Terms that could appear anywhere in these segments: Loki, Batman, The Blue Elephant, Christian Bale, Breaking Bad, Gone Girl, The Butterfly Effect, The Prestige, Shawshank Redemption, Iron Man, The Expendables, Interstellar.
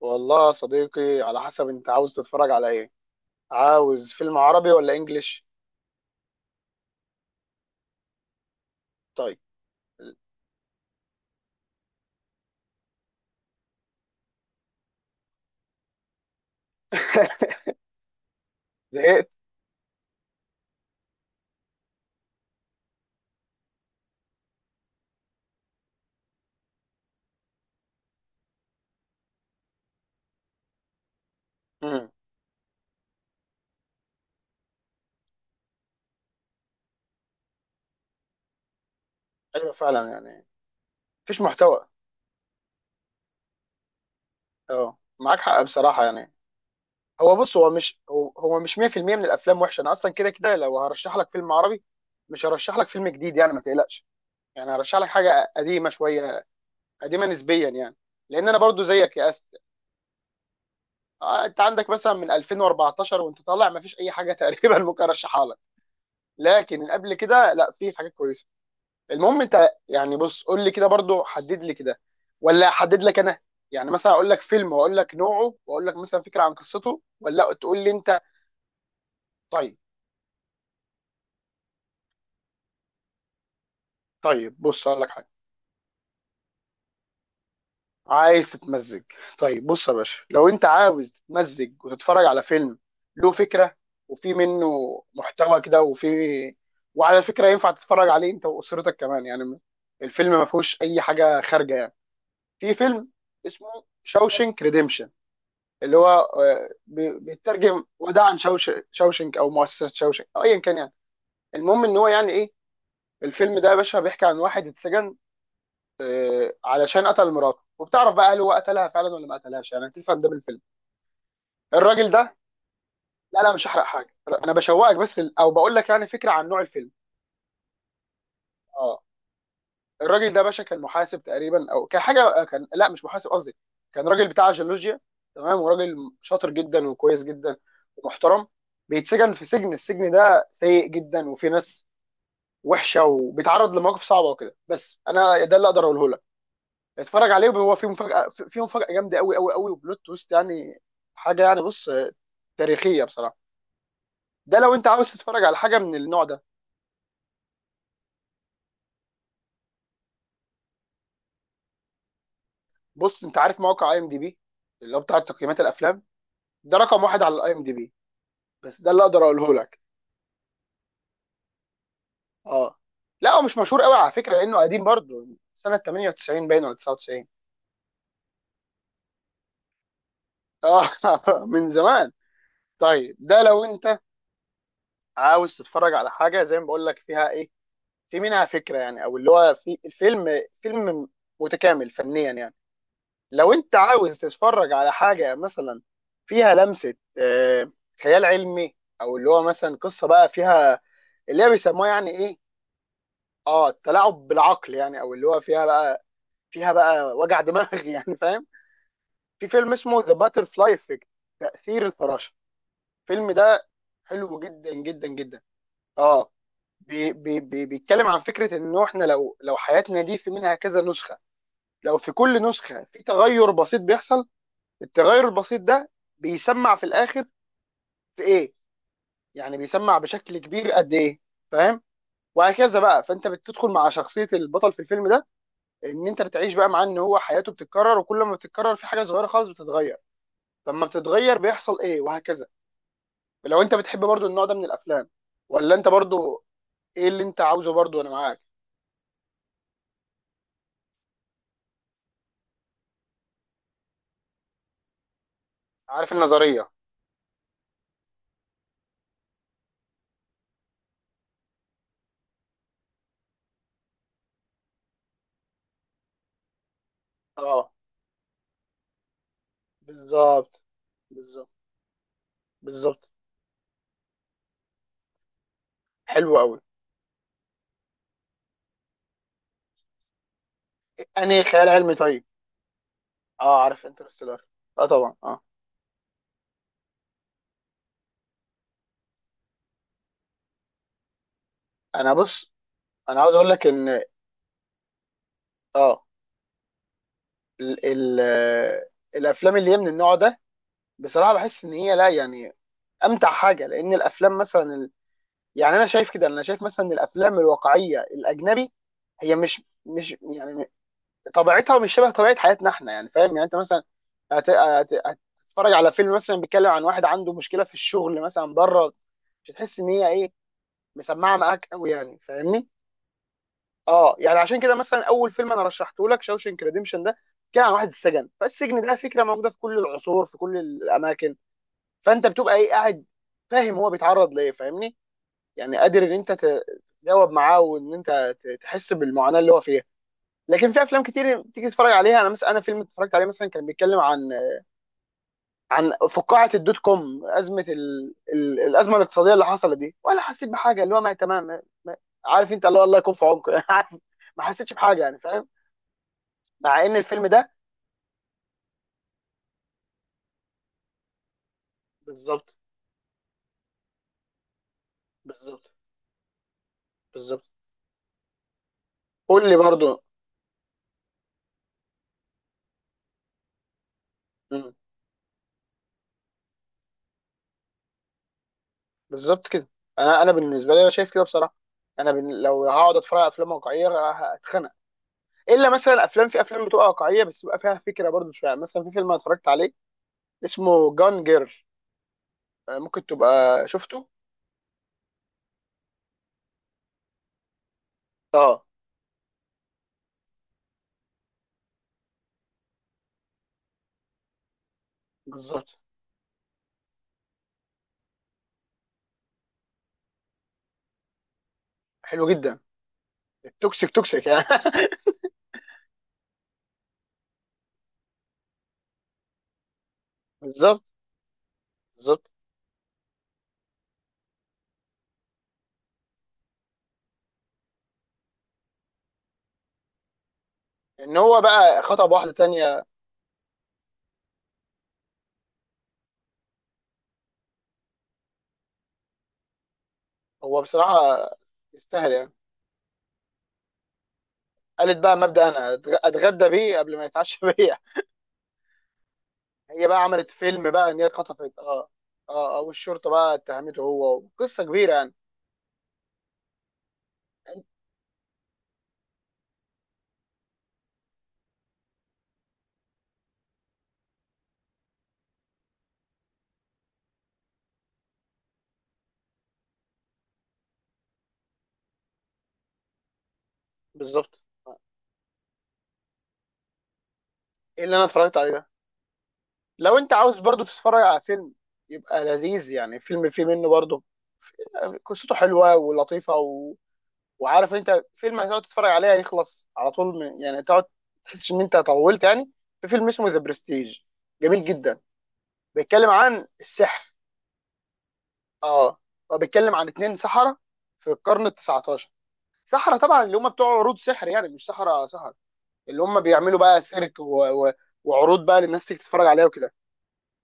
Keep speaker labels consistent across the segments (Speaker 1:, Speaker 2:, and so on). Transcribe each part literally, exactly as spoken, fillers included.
Speaker 1: والله يا صديقي، على حسب انت عاوز تتفرج على ايه. عاوز فيلم عربي ولا انجليش؟ طيب. زهقت. امم. ايوه فعلا يعني مفيش محتوى. اه، معاك حق بصراحه يعني. هو بص، هو مش هو, هو مش مية بالمية من الافلام وحشه. انا اصلا كده كده، لو هرشح لك فيلم عربي مش هرشح لك فيلم جديد، يعني ما تقلقش. يعني هرشح لك حاجه قديمه شويه، قديمه نسبيا يعني، لان انا برضو زيك يا اسف. آه، انت عندك مثلا من ألفين وأربعتاشر وانت طالع ما فيش اي حاجه تقريبا ممكن ارشحها. لكن قبل كده، لا، في حاجات كويسه. المهم انت يعني، بص قول لي كده برضو، حدد لي كده ولا احدد لك انا. يعني مثلا اقول لك فيلم واقول لك نوعه واقول لك مثلا فكره عن قصته، ولا تقول لي انت؟ طيب. طيب بص اقول لك حاجه. عايز تتمزج؟ طيب بص يا باشا، لو انت عاوز تتمزج وتتفرج على فيلم له فكره وفي منه محتوى كده، وفي وعلى فكره ينفع تتفرج عليه انت واسرتك كمان يعني، الفيلم ما فيهوش اي حاجه خارجه يعني. في فيلم اسمه شاوشنك ريديمشن، اللي هو آه، ب- بيترجم وداعا شوش شاوشنك او مؤسسه شاوشنك او ايا كان يعني. المهم ان هو يعني ايه. الفيلم ده يا باشا بيحكي عن واحد اتسجن آه، علشان قتل مراته، وبتعرف بقى هل هو قتلها فعلا ولا ما قتلهاش، يعني هتفهم ده من الفيلم، الراجل ده. لا لا، مش هحرق حاجه. انا بشوقك بس، ال- او بقول لك يعني فكره عن نوع الفيلم. اه، الراجل ده باشا كان محاسب تقريبا، او كان حاجه، آه، كان، لا مش محاسب قصدي، كان راجل بتاع جيولوجيا. تمام. وراجل شاطر جدا وكويس جدا ومحترم. بيتسجن في سجن. السجن ده سيء جدا وفي ناس وحشه، وبيتعرض لمواقف صعبه وكده. بس انا ده اللي اقدر اقوله لك. اتفرج عليه، وهو فيه مفاجاه، فيه مفاجاه جامده قوي قوي قوي وبلوت تويست يعني. حاجه يعني، بص تاريخيه بصراحه. ده لو انت عاوز تتفرج على حاجه من النوع ده. بص، انت عارف موقع اي ام دي بي، اللي هو بتاع تقييمات الافلام؟ ده رقم واحد على الاي ام دي بي. بس ده اللي اقدر اقوله لك. اه، لا، هو مش مشهور قوي على فكره، لانه قديم برضه، سنه تمانية وتسعين باين ولا تسعة وتسعين. اه، من زمان. طيب، ده لو انت عاوز تتفرج على حاجه زي ما بقول لك فيها ايه، في منها فكره يعني، او اللي هو في الفيلم، فيلم متكامل فنيا يعني. لو انت عاوز تتفرج على حاجه مثلا فيها لمسه آه خيال علمي، او اللي هو مثلا قصه بقى فيها اللي هي بيسموها يعني ايه، اه، التلاعب بالعقل، يعني او اللي هو فيها بقى، فيها بقى وجع دماغ يعني فاهم. في فيلم اسمه ذا باتر فلاي افكت، تأثير الفراشة. الفيلم ده حلو جدا جدا جدا. اه، بي بي بي بيتكلم عن فكرة انه احنا لو لو حياتنا دي في منها كذا نسخة، لو في كل نسخة في تغير بسيط بيحصل. التغير البسيط ده بيسمع في الاخر في ايه، يعني بيسمع بشكل كبير قد ايه، فاهم؟ وهكذا بقى، فانت بتدخل مع شخصية البطل في الفيلم ده، ان انت بتعيش بقى معاه ان هو حياته بتتكرر، وكل ما بتتكرر في حاجة صغيرة خالص بتتغير، لما بتتغير بيحصل ايه، وهكذا. لو انت بتحب برضو النوع ده من الافلام، ولا انت برضو ايه اللي انت عاوزه، برضو انا معاك. عارف النظريه. اه، بالظبط، بالظبط، بالظبط. حلو قوي. انهي خيال علمي؟ طيب، اه عارف انترستيلر. اه، طبعا، اه. انا بص، انا عاوز اقول لك ان، اه، ال ال الافلام اللي هي من النوع ده بصراحه، بحس ان هي، لا يعني، امتع حاجه. لان الافلام مثلا، يعني انا شايف كده، انا شايف مثلا ان الافلام الواقعيه الاجنبي هي مش مش يعني طبيعتها مش شبه طبيعه حياتنا احنا، يعني فاهم؟ يعني انت مثلا هت- هت- هتتفرج على فيلم مثلا بيتكلم عن واحد عنده مشكله في الشغل مثلا بره، مش هتحس ان هي ايه، مسمعه معاك قوي، يعني فاهمني. اه، يعني عشان كده مثلا اول فيلم انا رشحته لك شاوشنك ريديمشن ده، كان عن واحد السجن. فالسجن ده فكره موجوده في كل العصور في كل الاماكن، فانت بتبقى ايه قاعد فاهم هو بيتعرض ليه، فاهمني؟ يعني قادر ان انت تجاوب معاه وان انت ت- تحس بالمعاناه اللي هو فيها. لكن في افلام كتير تيجي تتفرج عليها، انا مثلا، انا فيلم اتفرجت عليه مثلا كان بيتكلم عن، عن فقاعه الدوت كوم، ازمه ال... ال... الازمه الاقتصاديه اللي حصلت دي، ولا حسيت بحاجه. اللي هو ما تمام ما- ما- عارف انت، الله الله يكون في عمق عارف. ما حسيتش بحاجه يعني فاهم. مع ان الفيلم ده بالظبط. بالظبط، بالظبط. قول لي برضو. مم. بالظبط كده. انا، انا بالنسبه لي انا شايف كده بصراحه. انا بن... لو هقعد اتفرج على افلام واقعيه ه- هتخنق. الا مثلا افلام، في افلام بتبقى واقعيه بس بيبقى فيها فكره برضو شويه، يعني مثلا في فيلم أنا اتفرجت عليه اسمه جان جيرل، آه، ممكن تبقى شفته. اه، بالظبط. حلو جدا. التوكسيك توكسيك يعني. بالظبط. بالظبط، ان هو بقى خطب واحده تانية. هو بصراحه يستاهل يعني. قالت بقى مبدأ انا أتغ- اتغدى بيه قبل ما يتعشى بيا. هي بقى عملت فيلم بقى ان هي اتخطفت، اه. اه، اه، والشرطه بقى اتهمته، هو قصه كبيره يعني. بالظبط. ايه اللي انا اتفرجت عليه ده؟ لو انت عاوز برضو تتفرج على فيلم يبقى لذيذ يعني، فيلم فيه منه برضو، قصته حلوه ولطيفه و... وعارف انت فيلم هتقعد تتفرج عليه هيخلص على طول من... يعني تقعد تحس ان انت طولت يعني. في فيلم اسمه ذا برستيج، جميل جدا. بيتكلم عن السحر. اه، هو بيتكلم عن اتنين سحرة في القرن ال التسعتاشر. سحرة طبعا اللي هم بتوع عروض سحر، يعني مش سحرة سحر. اللي هم بيعملوا بقى سيرك و... و... وعروض بقى للناس تيجي تتفرج عليها وكده.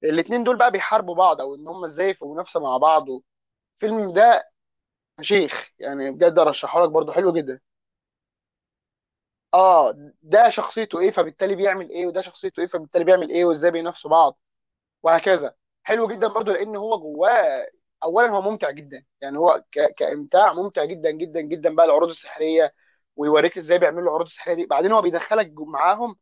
Speaker 1: الاتنين دول بقى بيحاربوا بعض، او ان هم ازاي في منافسه مع بعض. الفيلم ده شيخ يعني بجد، ارشحه لك برضه، حلو جدا. اه، ده شخصيته ايه فبالتالي بيعمل ايه، وده شخصيته ايه فبالتالي بيعمل ايه، وازاي بينافسوا بعض، وهكذا. حلو جدا برضه، لان هو جواه. اولا هو ممتع جدا يعني، هو ك... كامتاع ممتع جدا جدا جدا بقى العروض السحريه، ويوريك ازاي بيعملوا العروض السحريه دي. بعدين هو بيدخلك جو- معاهم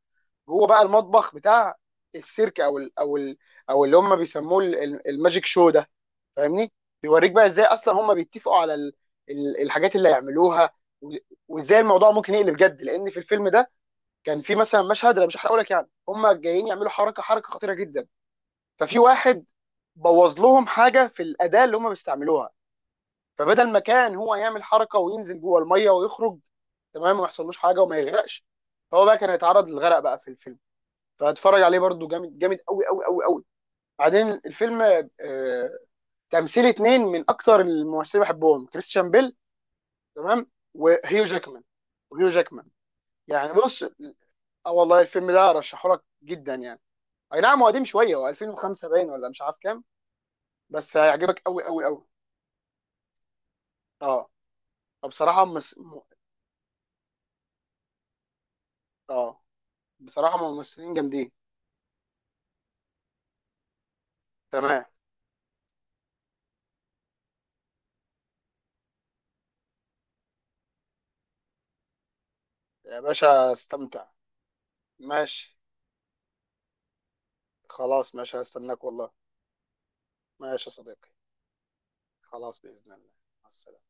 Speaker 1: جوه بقى، المطبخ بتاع السيرك او ال... او ال... او اللي هم بيسموه ال- ال- الماجيك شو ده، فاهمني؟ بيوريك بقى ازاي اصلا هم بيتفقوا على ال... ال- الحاجات اللي هيعملوها، و- وازاي الموضوع ممكن يقلب جد. لان في الفيلم ده كان في مثلا مشهد، انا مش هحرقه لك، يعني هم جايين يعملوا حركه، حركه خطيره جدا، ففي واحد بوظ لهم حاجه في الاداه اللي هم بيستعملوها، فبدل ما كان هو يعمل حركه وينزل جوه الميه ويخرج، تمام، وما يحصلوش حاجه وما يغرقش، هو بقى كان هيتعرض للغرق بقى في الفيلم. فاتفرج عليه برضو، جامد، جامد قوي قوي قوي قوي. بعدين الفيلم، آه، تمثيل اثنين من اكتر الممثلين اللي بحبهم، كريستيان بيل، تمام، وهيو جاكمان، وهيو جاكمان. يعني بص، اه والله الفيلم ده ارشحه لك جدا يعني. اي نعم هو قديم شويه، هو ألفين وخمسة باين ولا مش عارف كام، بس هيعجبك قوي قوي قوي. اه، فبصراحه مس... م- اه بصراحه ممثلين جامدين. تمام. يا باشا استمتع. ماشي. خلاص ماشي، هستناك والله. ماشي يا صديقي. خلاص باذن الله. مع السلامة.